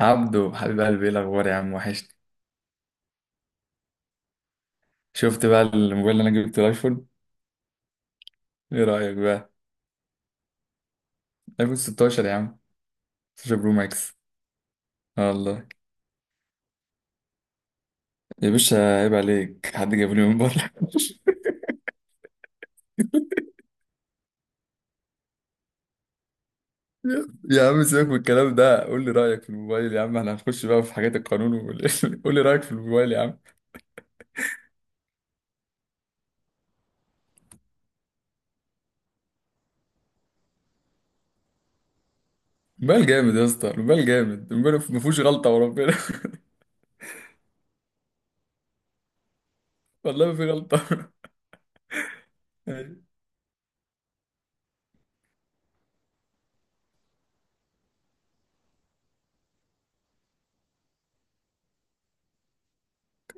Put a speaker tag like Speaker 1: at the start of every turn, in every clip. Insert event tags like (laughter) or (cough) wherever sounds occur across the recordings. Speaker 1: عبدو، حبيب قلبي، ايه الاخبار يا عم؟ وحشني. شفت بقى الموبايل اللي انا جبته، الايفون؟ ايه رايك بقى؟ ايفون 16 يا عم. 16 برو ماكس. اه والله. يا باشا عيب عليك، حد جاب لي من بره؟ (laughs) يا عم سيبك من الكلام ده، قول لي رايك في الموبايل يا عم. احنا هنخش بقى في حاجات القانون (laughs) قول لي رايك في الموبايل يا عم. موبايل جامد يا اسطى، الموبايل جامد، الموبايل ما فيهوش غلطه وربنا. (laughs) والله ما في غلطه. (laughs) أيوة.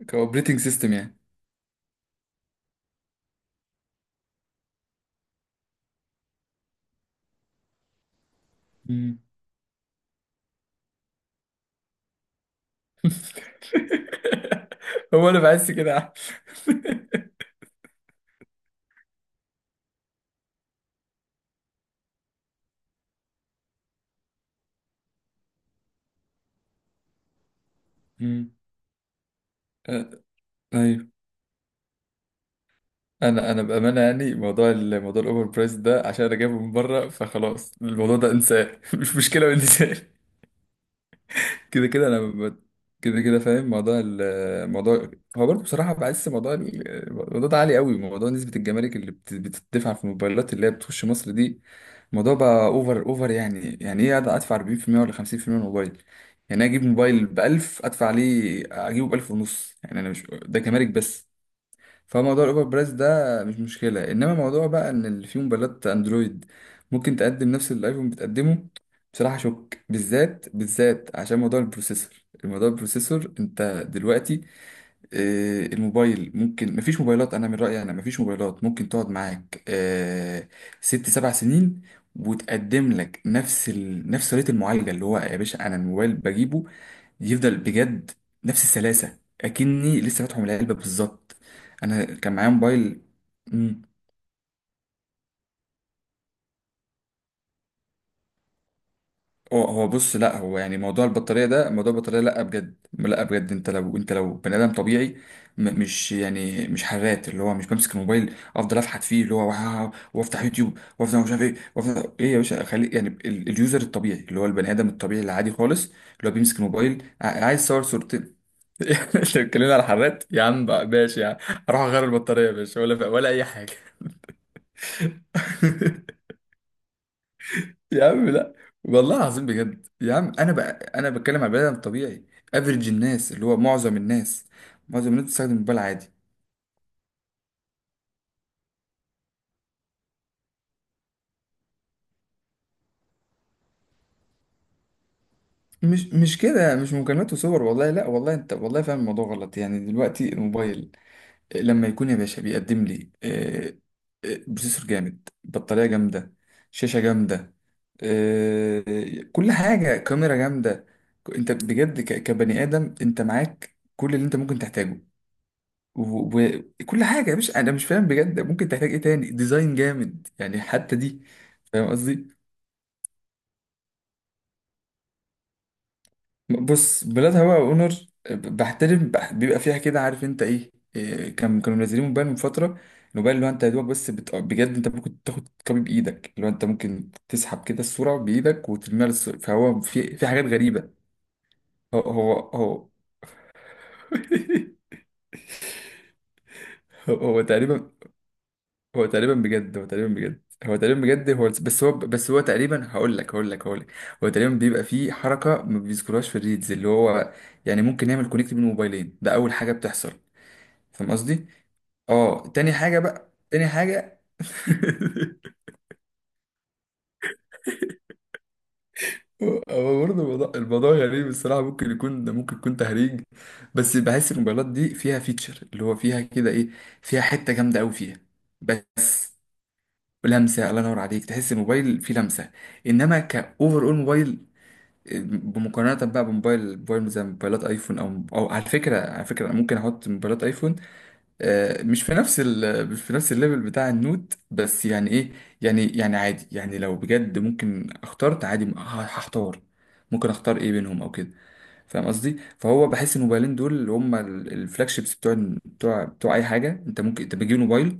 Speaker 1: كاوبريتنج سيستم يعني. مم. (laughs) هو انا بحس كده. مم. آه، ايوه. انا بامانه يعني، موضوع الاوفر برايس ده، عشان انا جايبه من بره، فخلاص الموضوع ده انساه (laughs) مش مشكله، وانساه. كده كده كده كده فاهم الموضوع. هو برضه بصراحه بحس الموضوع ده عالي قوي، موضوع نسبه الجمارك اللي بتدفع في الموبايلات اللي هي بتخش مصر دي. الموضوع بقى اوفر اوفر، يعني ايه أقعد ادفع 40% ولا 50% من الموبايل؟ يعني أنا اجيب موبايل ب 1000، ادفع عليه اجيبه ب 1000 ونص؟ يعني انا مش ده جمارك بس. فموضوع الاوبر برايس ده مش مشكله، انما موضوع بقى ان اللي فيه موبايلات اندرويد ممكن تقدم نفس اللي الايفون بتقدمه. بصراحه شك، بالذات بالذات عشان موضوع البروسيسور. الموضوع البروسيسور انت دلوقتي، الموبايل ممكن مفيش موبايلات، انا من رايي انا مفيش موبايلات ممكن تقعد معاك 6 7 سنين وتقدم لك نفس ريت المعالجه. اللي هو يا باشا انا الموبايل بجيبه يفضل بجد نفس السلاسة، أكني لسه فاتحه من العلبة بالظبط. أنا كان معايا موبايل. مم. هو بص، لا هو يعني موضوع البطارية ده، موضوع البطارية، لا بجد لا بجد. أنت لو بني آدم طبيعي، مش يعني مش حرات، اللي هو مش بمسك الموبايل أفضل أفحت فيه، اللي هو وأفتح يوتيوب وأفتح مش عارف إيه وأفتح إيه. يا باشا خلي يعني اليوزر الطبيعي اللي هو البني آدم الطبيعي العادي خالص، اللي هو بيمسك الموبايل عايز صور صورتين. (laughs) انت بتتكلمني على حرات يا عم بقى؟ ماشي يعني. هروح اغير البطاريه يا باشا ولا اي حاجه. (laughs) يا عم لا، والله العظيم بجد يا عم. انا بقى انا بتكلم على بني ادم طبيعي، افريج الناس اللي هو معظم الناس، معظم الناس بتستخدم الموبايل عادي. مش كده، مش مكالمات وصور، والله لا والله انت والله فاهم الموضوع غلط. يعني دلوقتي الموبايل لما يكون يا باشا بيقدم لي بروسيسور جامد، بطارية جامدة، شاشة جامدة، آه، كل حاجة، كاميرا جامدة. انت بجد كبني آدم انت معاك كل اللي انت ممكن تحتاجه وكل حاجة. مش انا مش فاهم بجد، ممكن تحتاج ايه تاني؟ ديزاين جامد يعني حتى دي. فاهم قصدي؟ بص بلاد هواء اونر، بحترم بيبقى فيها كده، عارف انت ايه كانوا منزلين موبايل من فتره، الموبايل اللي هو انت يا دوبك بس بجد انت ممكن تاخد كوبي بايدك، اللي هو انت ممكن تسحب كده الصوره بايدك وترميها فهو في حاجات غريبه. هو (laughs) هو تقريبا. هو تقريبا بجد هو تقريبا، هقول لك، هو تقريبا بيبقى فيه حركه ما بيذكرهاش في الريدز، اللي هو يعني ممكن نعمل كونكت بين موبايلين. ده اول حاجه بتحصل، فاهم قصدي؟ اه، تاني حاجة بقى، تاني حاجة. (laughs) هو برضه الموضوع غريب الصراحة، ممكن يكون ده ممكن يكون تهريج. بس بحس الموبايلات دي فيها فيتشر، اللي هو فيها كده ايه، فيها حتة جامدة قوي فيها، بس لمسة، الله ينور عليك، تحس الموبايل فيه لمسة. انما كأوفر اول موبايل، بمقارنة بقى بموبايل موبايل زي موبايلات ايفون او، على فكرة ممكن احط موبايلات ايفون، مش في نفس الليفل بتاع النود، بس يعني ايه، يعني عادي، يعني لو بجد ممكن اخترت عادي هختار، ممكن اختار ايه بينهم او كده. فاهم قصدي؟ فهو بحس ان الموبايلين دول اللي هم الفلاج شيبس بتوع بتوع اي حاجه، انت ممكن انت بتجيب موبايل،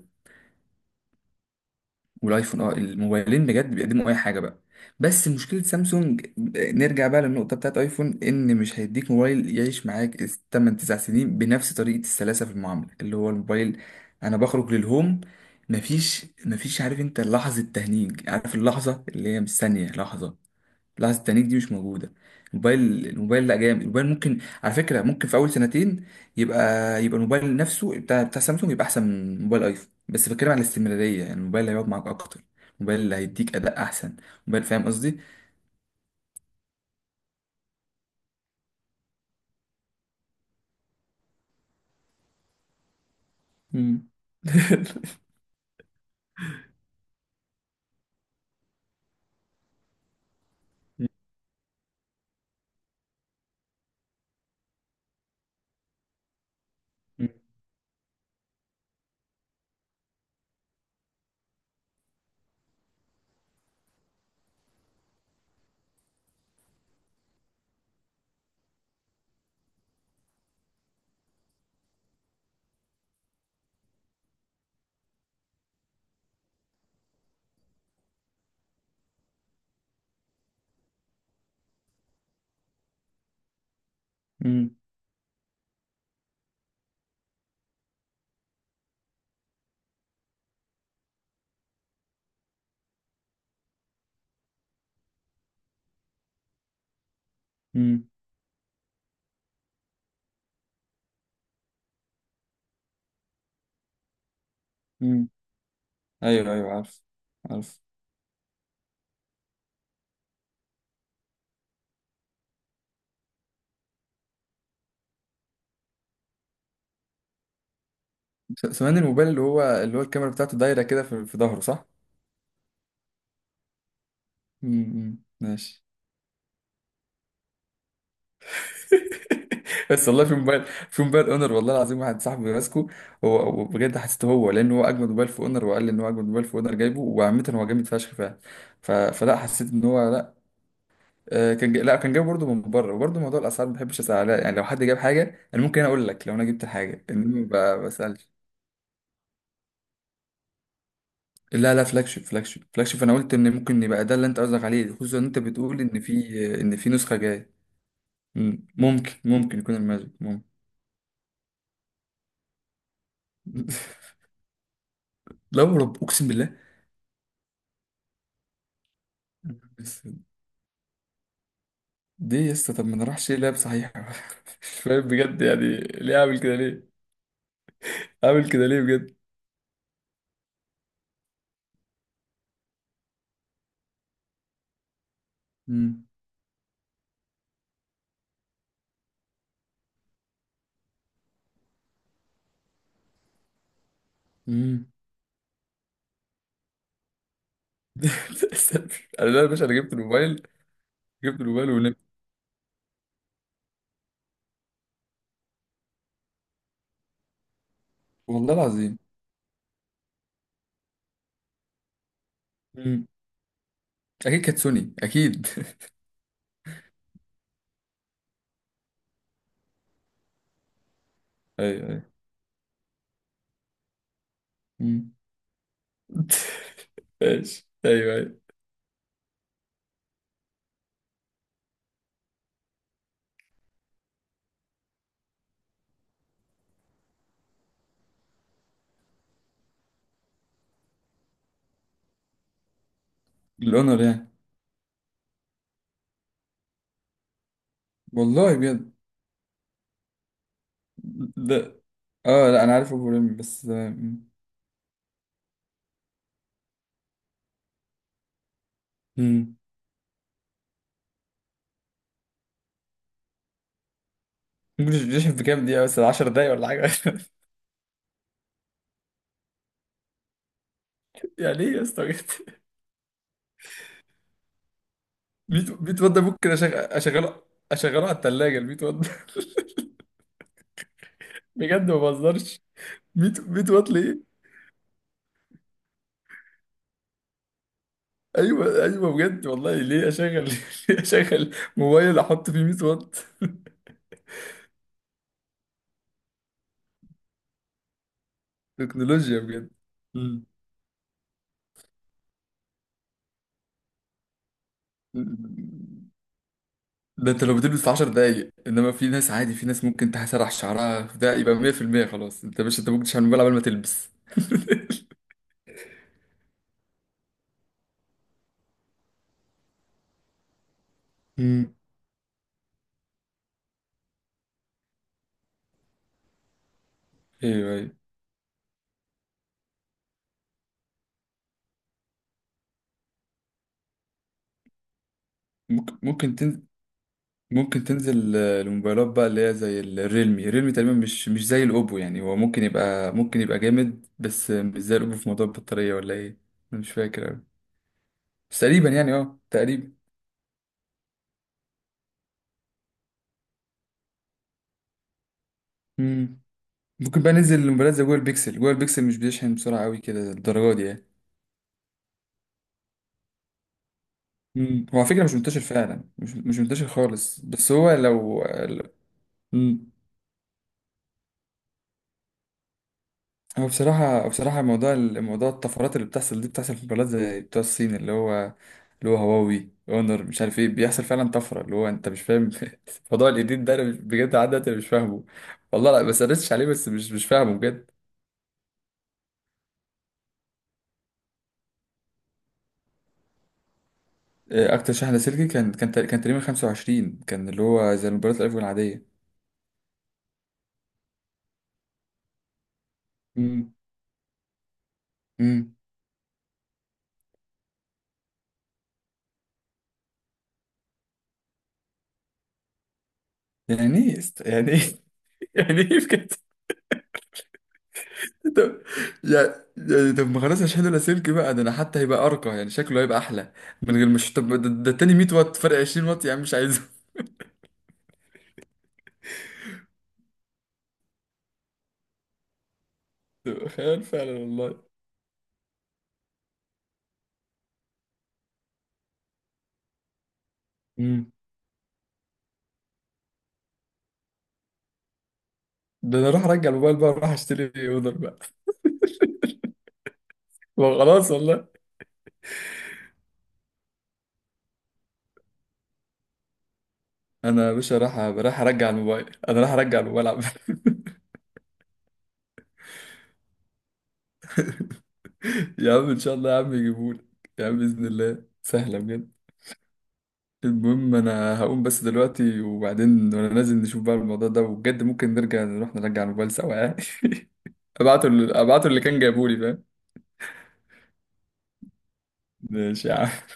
Speaker 1: والايفون، اه الموبايلين بجد بيقدموا اي حاجه بقى. بس مشكله سامسونج، نرجع بقى للنقطه بتاعت ايفون ان مش هيديك موبايل يعيش معاك 8 9 سنين بنفس طريقه السلاسه في المعامله. اللي هو الموبايل انا بخرج للهوم، مفيش عارف انت لحظه تهنيج، عارف اللحظه اللي هي مش ثانيه لحظه، لحظة التنيك دي مش موجودة. الموبايل لا جامد، الموبايل ممكن على فكرة ممكن في أول سنتين يبقى يبقى الموبايل نفسه بتاع سامسونج يبقى أحسن من موبايل أيفون، بس بتكلم على الاستمرارية، يعني الموبايل اللي هيقعد معاك أكتر، الموبايل اللي هيديك أداء أحسن، موبايل، فاهم قصدي؟ مم. (laughs) مم. مم. مم. ايوه، ايوه عارف، عارف. سمعني، الموبايل اللي هو الكاميرا بتاعته دايرة كده في ظهره صح؟ مم. مم. ماشي. (laughs) بس والله في موبايل اونر، والله العظيم واحد صاحبي ماسكه هو، وبجد حسيته هو، لان هو اجمد موبايل في اونر، وقال لي ان هو اجمد موبايل في اونر جايبه، وعامه هو جامد فشخ فعلا. فلا حسيت ان هو لا. لا كان جايبه برضه من بره، وبرضه موضوع الاسعار ما بحبش اسال عليها، يعني لو حد جاب حاجه انا ممكن اقول لك، لو انا جبت الحاجه انما ما بسالش. لا لا، فلاج شيب فلاج شيب فلاج شيب، انا قلت ان ممكن يبقى ده اللي انت قصدك عليه، خصوصا ان انت بتقول ان في نسخه جايه. مم. ممكن يكون الماجيك ممكن. (laughs) لا ورب، اقسم بالله. (laughs) دي يا اسطى؟ طب ما نروحش لعب صحيح. (laughs) مش فاهم بجد، يعني ليه اعمل كده ليه؟ اعمل كده ليه بجد؟ امم. امم. (laughs) انا لا يا باشا، انا جبت الموبايل، جبت الموبايل ونمت، والله العظيم. امم. اكيد كانت سوني اكيد. (laughs) ايوه، ايوه. امم. (laughs) ماشي، ايوه ايوه. الاونر يعني؟ والله بجد. لا. اه لا، انا عارف ابو ريم بس. امم. ممكن يشحن في كام دقيقة بس؟ 10 دقايق ولا حاجة؟ (laughs) يعني ايه يا اسطى بجد؟ 100، 100 وات ده ممكن اشغله، على الثلاجه، ال 100 وات ده. (laughs) بجد ما بهزرش. 100، 100 وات ليه؟ ايوه ايوه بجد، والله ليه اشغل (laughs) ليه اشغل موبايل احط فيه 100 وات؟ تكنولوجيا بجد. مم. (laughs) ده انت لو بتلبس في 10 دقايق، انما في ناس عادي، في ناس ممكن تسرح شعرها، ده يبقى 100% خلاص. انت مش انت ممكن تشحن الموبايل قبل ما تلبس. مم. ايوه ايوه. ممكن ممكن تنزل، الموبايلات بقى اللي هي زي الريلمي، تقريبا مش زي الاوبو، يعني هو ممكن يبقى جامد، بس مش زي الاوبو في موضوع البطارية ولا ايه. انا مش فاكر أوي. بس تقريبا، يعني اه تقريبا. مم. ممكن بقى ننزل الموبايلات زي جوجل بيكسل، مش بيشحن بسرعة قوي كده الدرجة دي يعني. مم. هو على فكرة مش منتشر فعلا، مش منتشر خالص، بس هو لو. مم. هو بصراحة موضوع الموضوع الطفرات اللي بتحصل دي، بتحصل في بلاد زي بتوع الصين، اللي هو اللي هو هواوي اونر مش عارف ايه، بيحصل فعلا طفرة، اللي هو انت مش فاهم. (laughs) موضوع الايديت ده انا بجد لحد دلوقتي أنا مش فاهمه. والله لا، بس سرشتش عليه، بس مش فاهمه بجد. اكتر شحنة سلكي كان كان تقريبا 25، كان اللي هو زي الموبايلات الايفون العادية. امم، امم. يعني ايه يعني ايه؟ (laughs) يعني ايه بجد؟ طب، يعني، يعني طب ما خلاص هشحنه لاسلكي بقى، ده انا حتى هيبقى ارقى يعني شكله هيبقى احلى، من غير، مش طب، ده التاني 100 واط، فرق 20 واط يا عم مش عايزه. (laughs) تبقى خيال فعلا والله. امم. ده انا راح ارجع الموبايل بقى، راح اشتري اودر بقى. (laughs) وخلاص والله. انا يا باشا راح ارجع الموبايل، انا راح ارجع الموبايل عم. (laughs) يا عم ان شاء الله، يا عم يجيبهولك، يا عم باذن الله سهله بجد. المهم انا هقوم بس دلوقتي، وبعدين وانا نازل نشوف بقى الموضوع ده، وبجد ممكن نرجع نروح نرجع الموبايل سوا يعني. (laughs) ابعته اللي كان جايبه لي، فاهم؟ ماشي يا عم.